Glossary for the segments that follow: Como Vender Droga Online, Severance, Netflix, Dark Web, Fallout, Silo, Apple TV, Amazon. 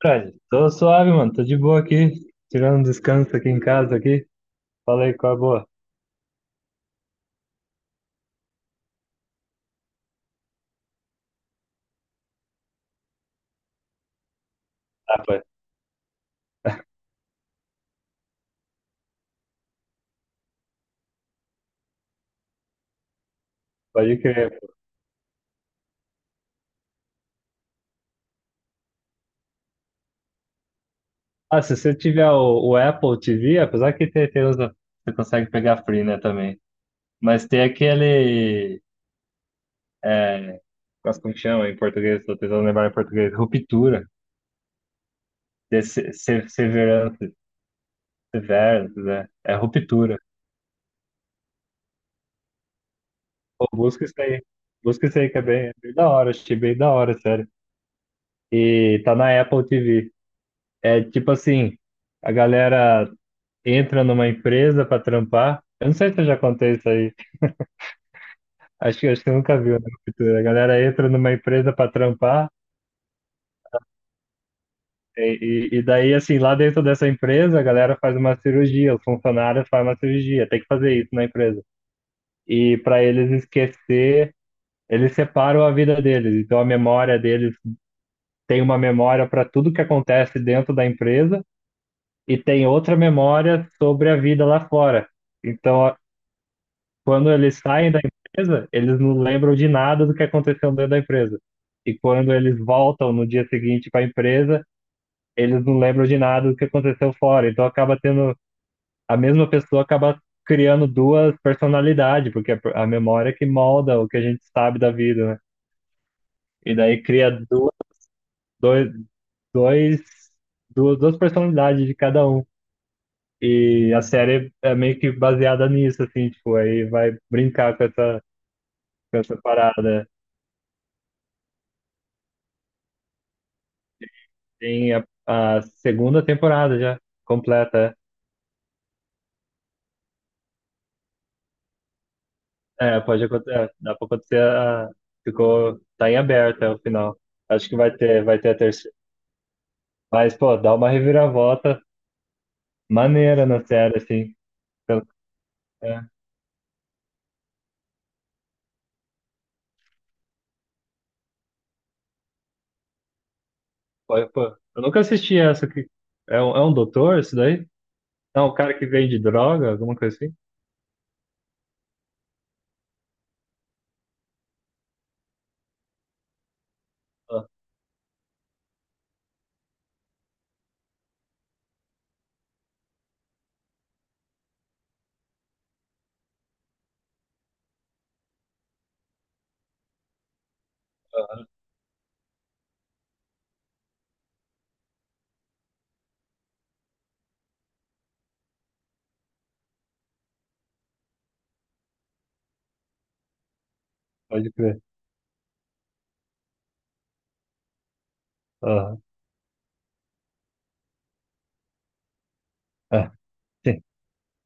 Fred, tô suave, mano. Tô de boa aqui. Tirando um descanso aqui em casa aqui. Falei com a boa. Ah, pô, pode crer. Pô. Ah, se você tiver o Apple TV, apesar que tem, tem usa, você consegue pegar free, né, também. Mas tem aquele. É, Nossa, como que chama em português? Tô tentando lembrar em português. Ruptura. De se- se- Severance. Severance, né? É ruptura. Pô, busca isso aí. Busca isso aí que é bem da hora. Achei bem da hora, sério. E tá na Apple TV. É tipo assim, a galera entra numa empresa para trampar. Eu não sei se eu já contei isso aí. Acho que eu nunca vi, né? Ruptura. A galera entra numa empresa para trampar, e daí, assim, lá dentro dessa empresa, a galera faz uma cirurgia, os funcionários fazem uma cirurgia, tem que fazer isso na empresa. E para eles esquecer, eles separam a vida deles. Então, a memória deles tem uma memória para tudo que acontece dentro da empresa e tem outra memória sobre a vida lá fora. Então, quando eles saem da empresa, eles não lembram de nada do que aconteceu dentro da empresa. E quando eles voltam no dia seguinte para a empresa, eles não lembram de nada do que aconteceu fora. Então acaba tendo, a mesma pessoa acaba criando duas personalidades, porque a memória é que molda o que a gente sabe da vida, né? E daí cria duas, dois, dois, duas, duas personalidades de cada um. E a série é meio que baseada nisso, assim, tipo, aí vai brincar com com essa parada. Tem a segunda temporada já completa. É, é, pode acontecer. É, dá pra acontecer. Ficou, tá em aberto é o final. Acho que vai ter a terceira. Mas, pô, dá uma reviravolta maneira na série, assim. Pelo- é, pô, pô, eu nunca assisti essa aqui. É um doutor isso daí? Não, um cara que vende droga, alguma coisa assim? Ah, pode crer. Aham. Ah, sim.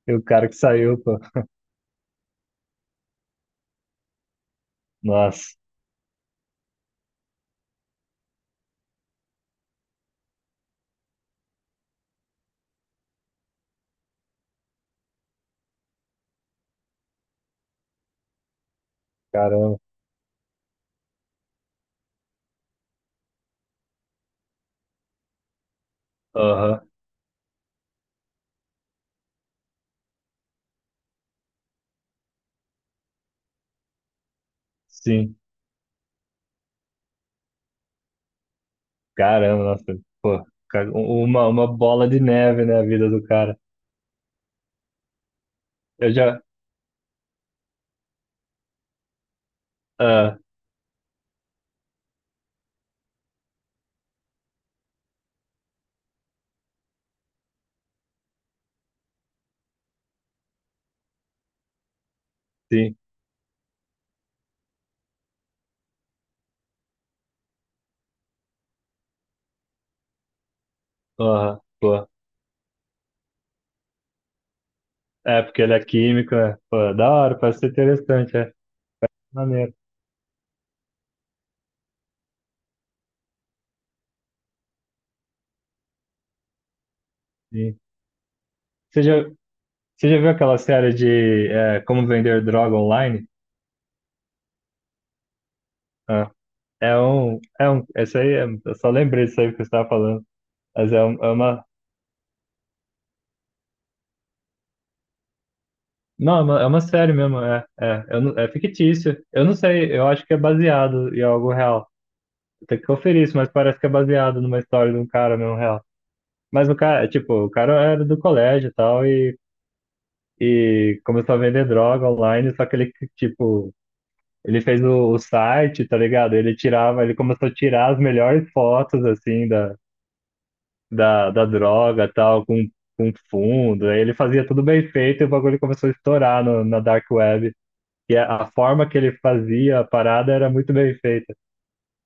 E o cara que saiu, pô. Nossa, caramba. Aham, sim. Caramba, nossa, pô, uma bola de neve, né, a vida do cara. Eu já, ah, sim, aham, pô, é porque ele é químico, né, pô, da hora, parece ser interessante, é, maneiro, sim. Você já, você já viu aquela série de, é, Como Vender Droga Online? Ah, essa aí, é, eu só lembrei disso aí que você estava falando, mas é, um- é uma, não, é uma série mesmo, é, é, eu não- é fictício, eu não sei, eu acho que é baseado em algo real. Tem que conferir isso, mas parece que é baseado numa história de um cara mesmo real. Mas o cara, tipo, o cara era do colégio e tal, e começou a vender droga online, só que ele, tipo, ele fez o site, tá ligado? Ele começou a tirar as melhores fotos, assim, da droga e tal, com fundo. Aí ele fazia tudo bem feito e o bagulho começou a estourar no, na Dark Web. E a forma que ele fazia a parada era muito bem feita.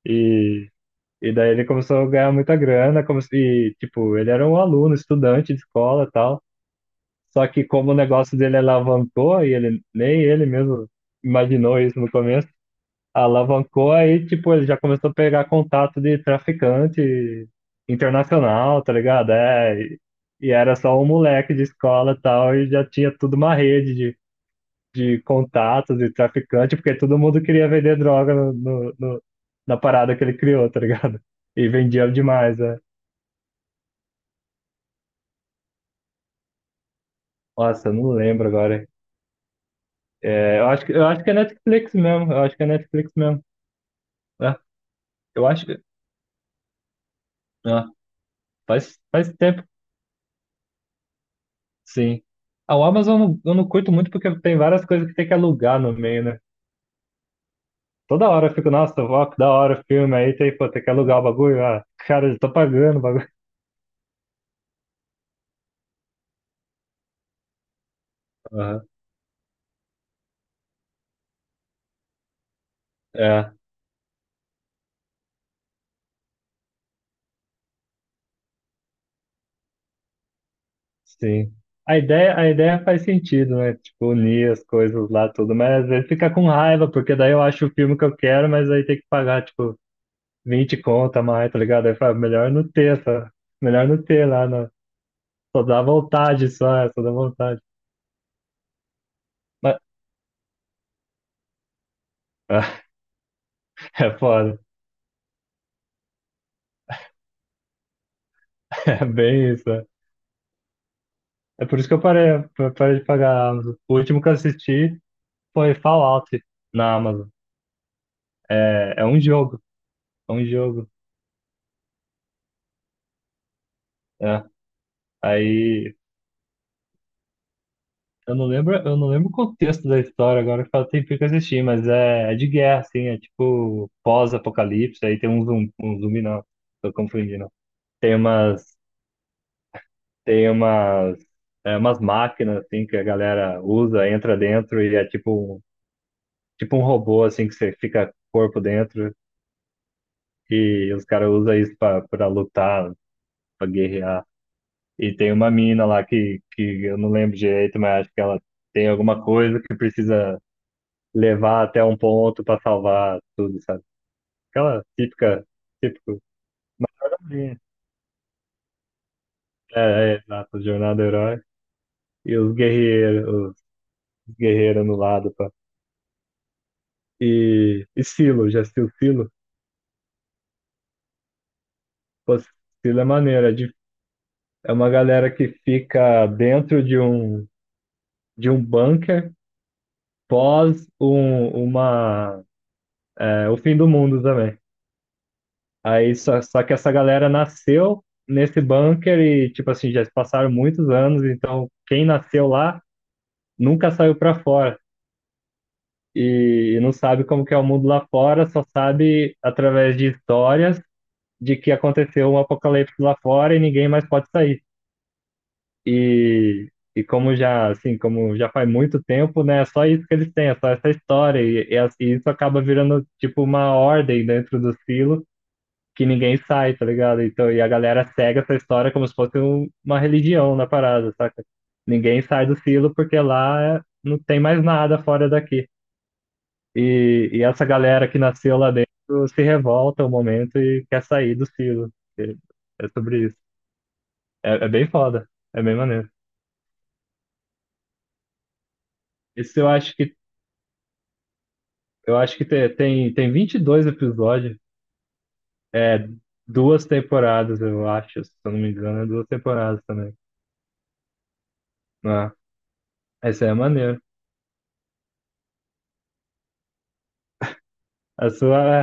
E, e daí ele começou a ganhar muita grana, como se, tipo, ele era um aluno, estudante de escola e tal. Só que como o negócio dele alavancou, e ele nem ele mesmo imaginou isso no começo, alavancou aí, tipo, ele já começou a pegar contato de traficante internacional, tá ligado? É, e era só um moleque de escola e tal, e já tinha tudo uma rede de contatos e traficante, porque todo mundo queria vender droga na parada que ele criou, tá ligado? E vendia demais, né? Nossa, eu não lembro agora. É, eu acho que é Netflix mesmo, eu acho que é Netflix mesmo. É, eu acho que. Ah, faz tempo, sim. A Amazon eu não curto muito porque tem várias coisas que tem que alugar no meio, né? Toda hora eu fico, nossa, ó, que da hora o filme, aí tem, pô, tem que alugar o bagulho, ah, cara, eu tô pagando o bagulho. Aham, é, sim. A ideia faz sentido, né? Tipo, unir as coisas lá, tudo, mas às vezes fica com raiva, porque daí eu acho o filme que eu quero, mas aí tem que pagar, tipo, 20 conta a mais, tá ligado? Aí fala, melhor não melhor não ter lá, na- só dá vontade, só, é, só dá vontade. Mas, é foda, é bem isso. É, é por isso que eu parei de pagar a Amazon. O último que eu assisti foi Fallout na Amazon. É, é um jogo, é um jogo. É. Aí. Eu não lembro o contexto da história agora, que faz tempo que eu assisti, mas é, é de guerra, assim, é tipo pós-apocalipse, aí tem um zumbi não, tô confundindo. Tem umas, tem umas, é, umas máquinas, assim, que a galera usa, entra dentro e é tipo, tipo um robô, assim, que você fica corpo dentro e os caras usam isso pra, pra lutar, pra guerrear. E tem uma mina lá que eu não lembro direito, mas acho que ela tem alguma coisa que precisa levar até um ponto para salvar tudo, sabe? Aquela típica, típico. Mas olha ali. É, é, exato, jornada do herói e os guerreiros no lado, pá. E Silo, já assistiu Silo? Pô, Silo é maneiro, é, de- é uma galera que fica dentro de um bunker pós um, uma, é, o fim do mundo também. Aí só, só que essa galera nasceu nesse bunker e, tipo assim, já se passaram muitos anos, então quem nasceu lá nunca saiu para fora e não sabe como que é o mundo lá fora, só sabe através de histórias de que aconteceu um apocalipse lá fora e ninguém mais pode sair. E, e como já assim, como já faz muito tempo, né, é só isso que eles têm, é só essa história e, e isso acaba virando tipo uma ordem dentro do silo que ninguém sai, tá ligado? Então, e a galera segue essa história como se fosse uma religião na parada, saca? Ninguém sai do silo porque lá não tem mais nada fora daqui. E essa galera que nasceu lá dentro se revolta um momento e quer sair do silo. E é sobre isso. É, é bem foda. É bem maneiro. Esse eu acho que, tem, tem 22 episódios. É duas temporadas, eu acho. Se eu não me engano, é duas temporadas também. Ah, essa é maneiro. A sua é,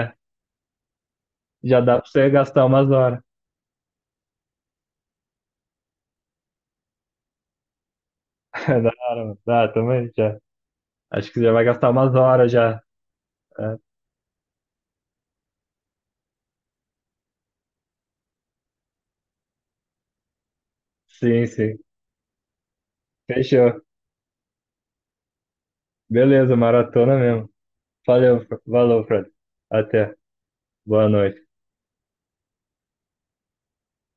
é, já dá pra você gastar umas horas. Da hora, mano. Dá também já. Acho que já vai gastar umas horas já. É, sim, sim. Fechou. Beleza, maratona mesmo. Valeu, valeu, Fred. Até. Boa noite.